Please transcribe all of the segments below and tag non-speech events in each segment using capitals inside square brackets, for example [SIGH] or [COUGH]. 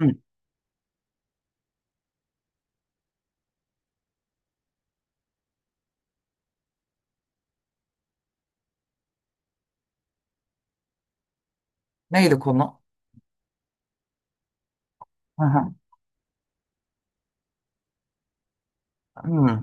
Hı. Neydi konu? Hı hı. Hı.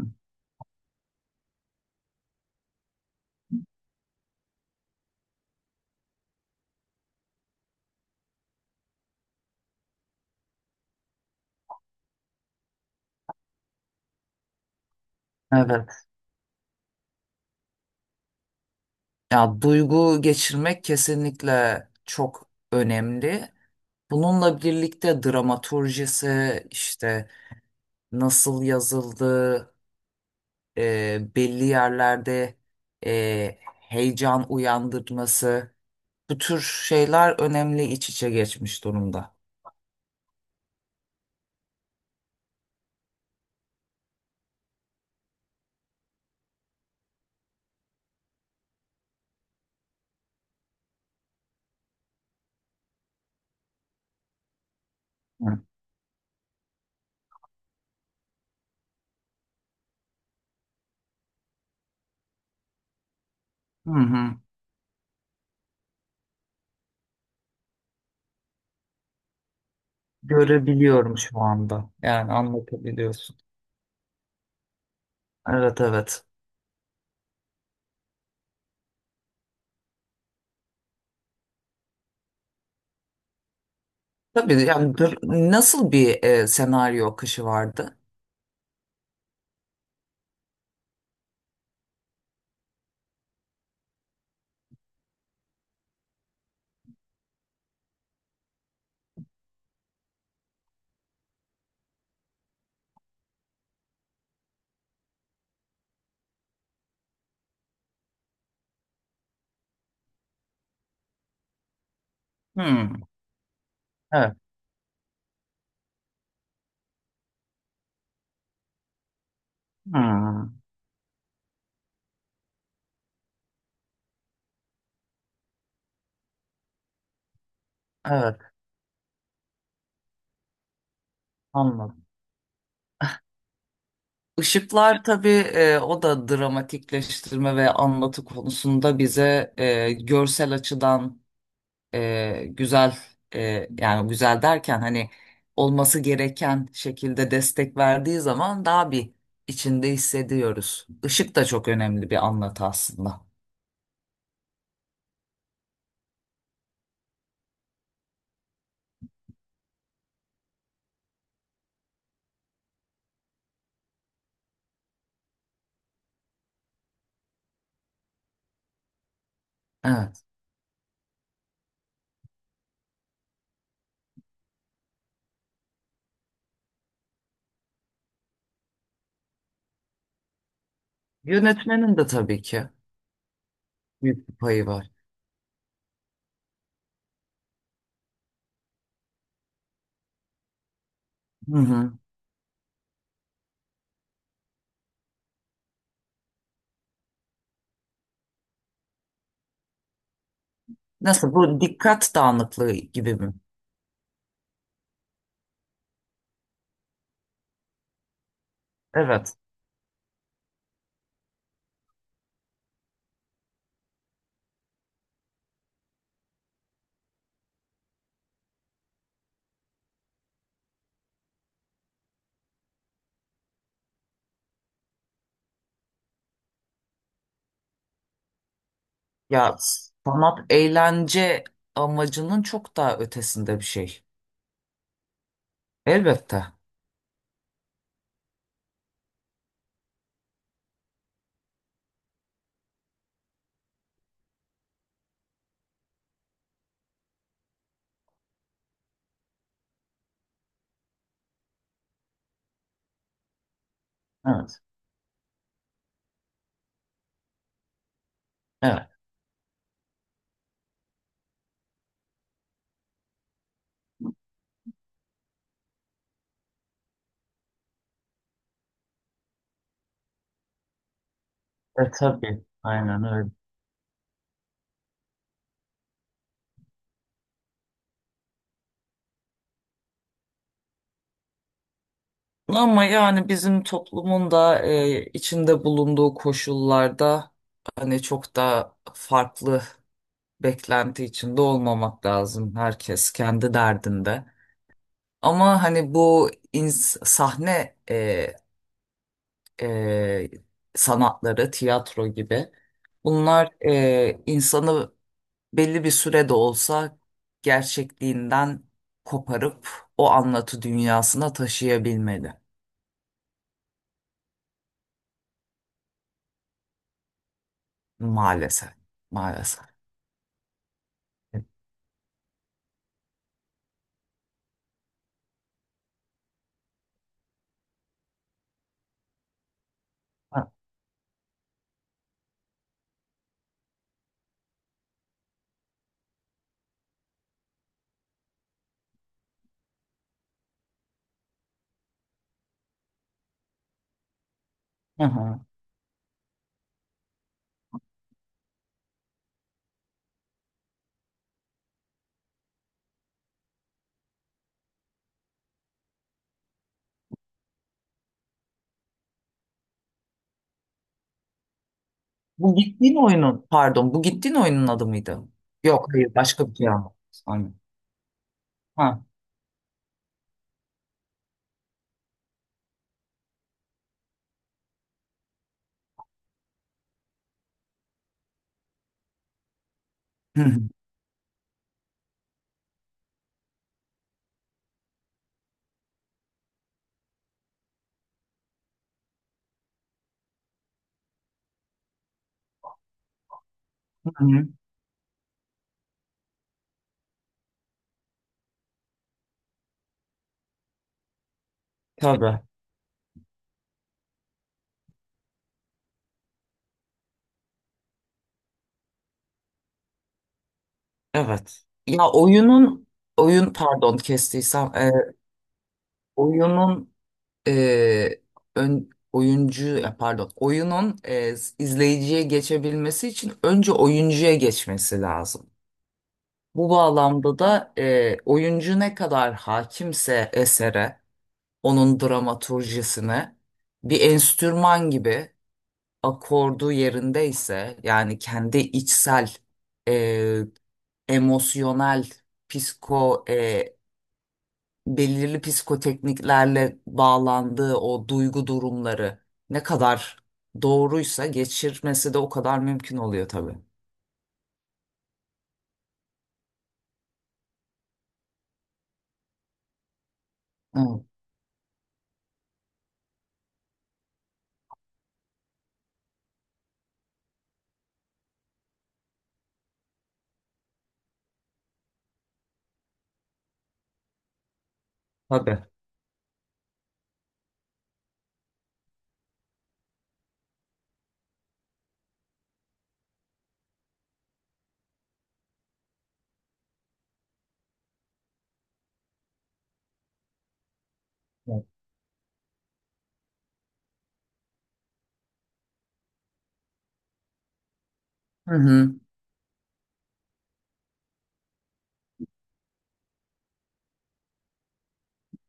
Evet. Ya duygu geçirmek kesinlikle çok önemli. Bununla birlikte dramaturjisi işte nasıl yazıldı, belli yerlerde heyecan uyandırması bu tür şeyler önemli iç içe geçmiş durumda. Hı hı. Hı. Görebiliyorum şu anda. Yani anlatabiliyorsun. Evet, evet. Tabii yani nasıl bir senaryo akışı vardı? Hmm, evet. Hmm, evet, anladım. Işıklar tabii o da dramatikleştirme ve anlatı konusunda bize görsel açıdan güzel yani güzel derken hani olması gereken şekilde destek verdiği zaman daha bir içinde hissediyoruz. Işık da çok önemli bir anlatı aslında. Evet. Yönetmenin de tabii ki büyük bir payı var. Hı hı. Nasıl, bu dikkat dağınıklığı gibi mi? Evet. Ya sanat eğlence amacının çok daha ötesinde bir şey. Elbette. Evet. Evet. E tabii. Aynen öyle. Ama yani bizim toplumun da içinde bulunduğu koşullarda hani çok da farklı beklenti içinde olmamak lazım. Herkes kendi derdinde. Ama hani bu sahne e, sanatları, tiyatro gibi. Bunlar insanı belli bir sürede olsa gerçekliğinden koparıp o anlatı dünyasına taşıyabilmeli. Maalesef, maalesef. Ha. Hı hı. Bu gittiğin oyunun, pardon, bu gittiğin oyunun adı mıydı? Yok, hayır, başka bir şey ama. Aynen. Ha. Hı hı, hı hı. Tabii, evet. Ya pardon kestiysem, oyunun e, ön, oyuncu ya pardon oyunun izleyiciye geçebilmesi için önce oyuncuya geçmesi lazım. Bu bağlamda da oyuncu ne kadar hakimse esere, onun dramaturjisine bir enstrüman gibi akordu yerindeyse yani kendi içsel e, emosyonel psiko e, belirli psikotekniklerle bağlandığı o duygu durumları ne kadar doğruysa geçirmesi de o kadar mümkün oluyor tabii. Evet, tabii. Evet. Hı hı.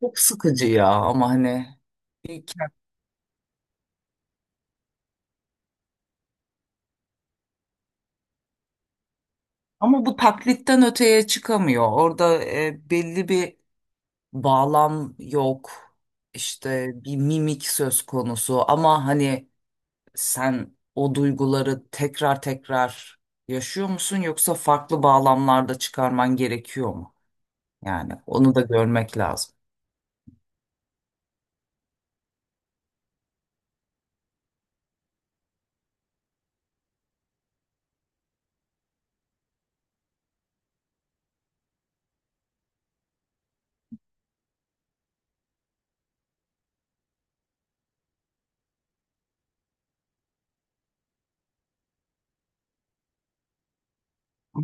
Çok sıkıcı ya ama hani bir ke- ama bu taklitten öteye çıkamıyor. Orada belli bir bağlam yok. İşte bir mimik söz konusu ama hani sen o duyguları tekrar tekrar yaşıyor musun, yoksa farklı bağlamlarda çıkarman gerekiyor? Mu? Yani onu da görmek lazım.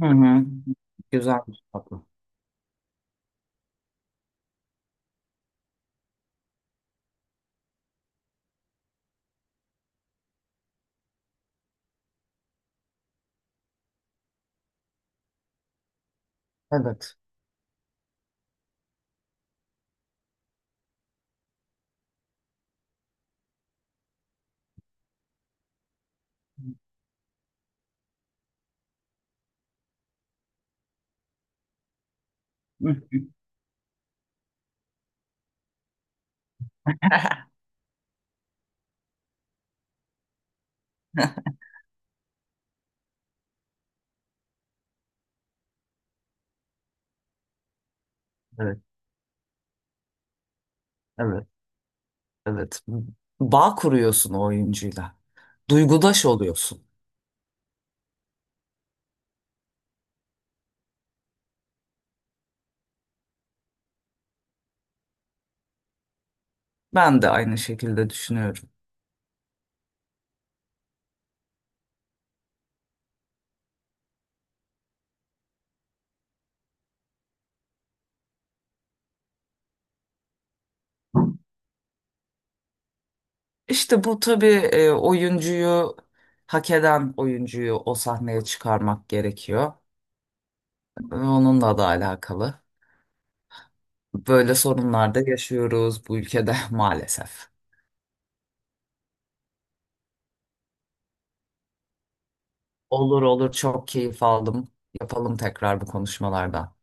Hı hı. Güzel bir tatlı. Evet. Hı hı. Evet, evet, evet. Bağ kuruyorsun o oyuncuyla. Duygudaş oluyorsun. Ben de aynı şekilde düşünüyorum. İşte bu tabii oyuncuyu hak eden oyuncuyu o sahneye çıkarmak gerekiyor. Onunla da alakalı. Böyle sorunlar da yaşıyoruz bu ülkede [LAUGHS] maalesef. Olur, olur, çok keyif aldım. Yapalım tekrar bu konuşmalardan.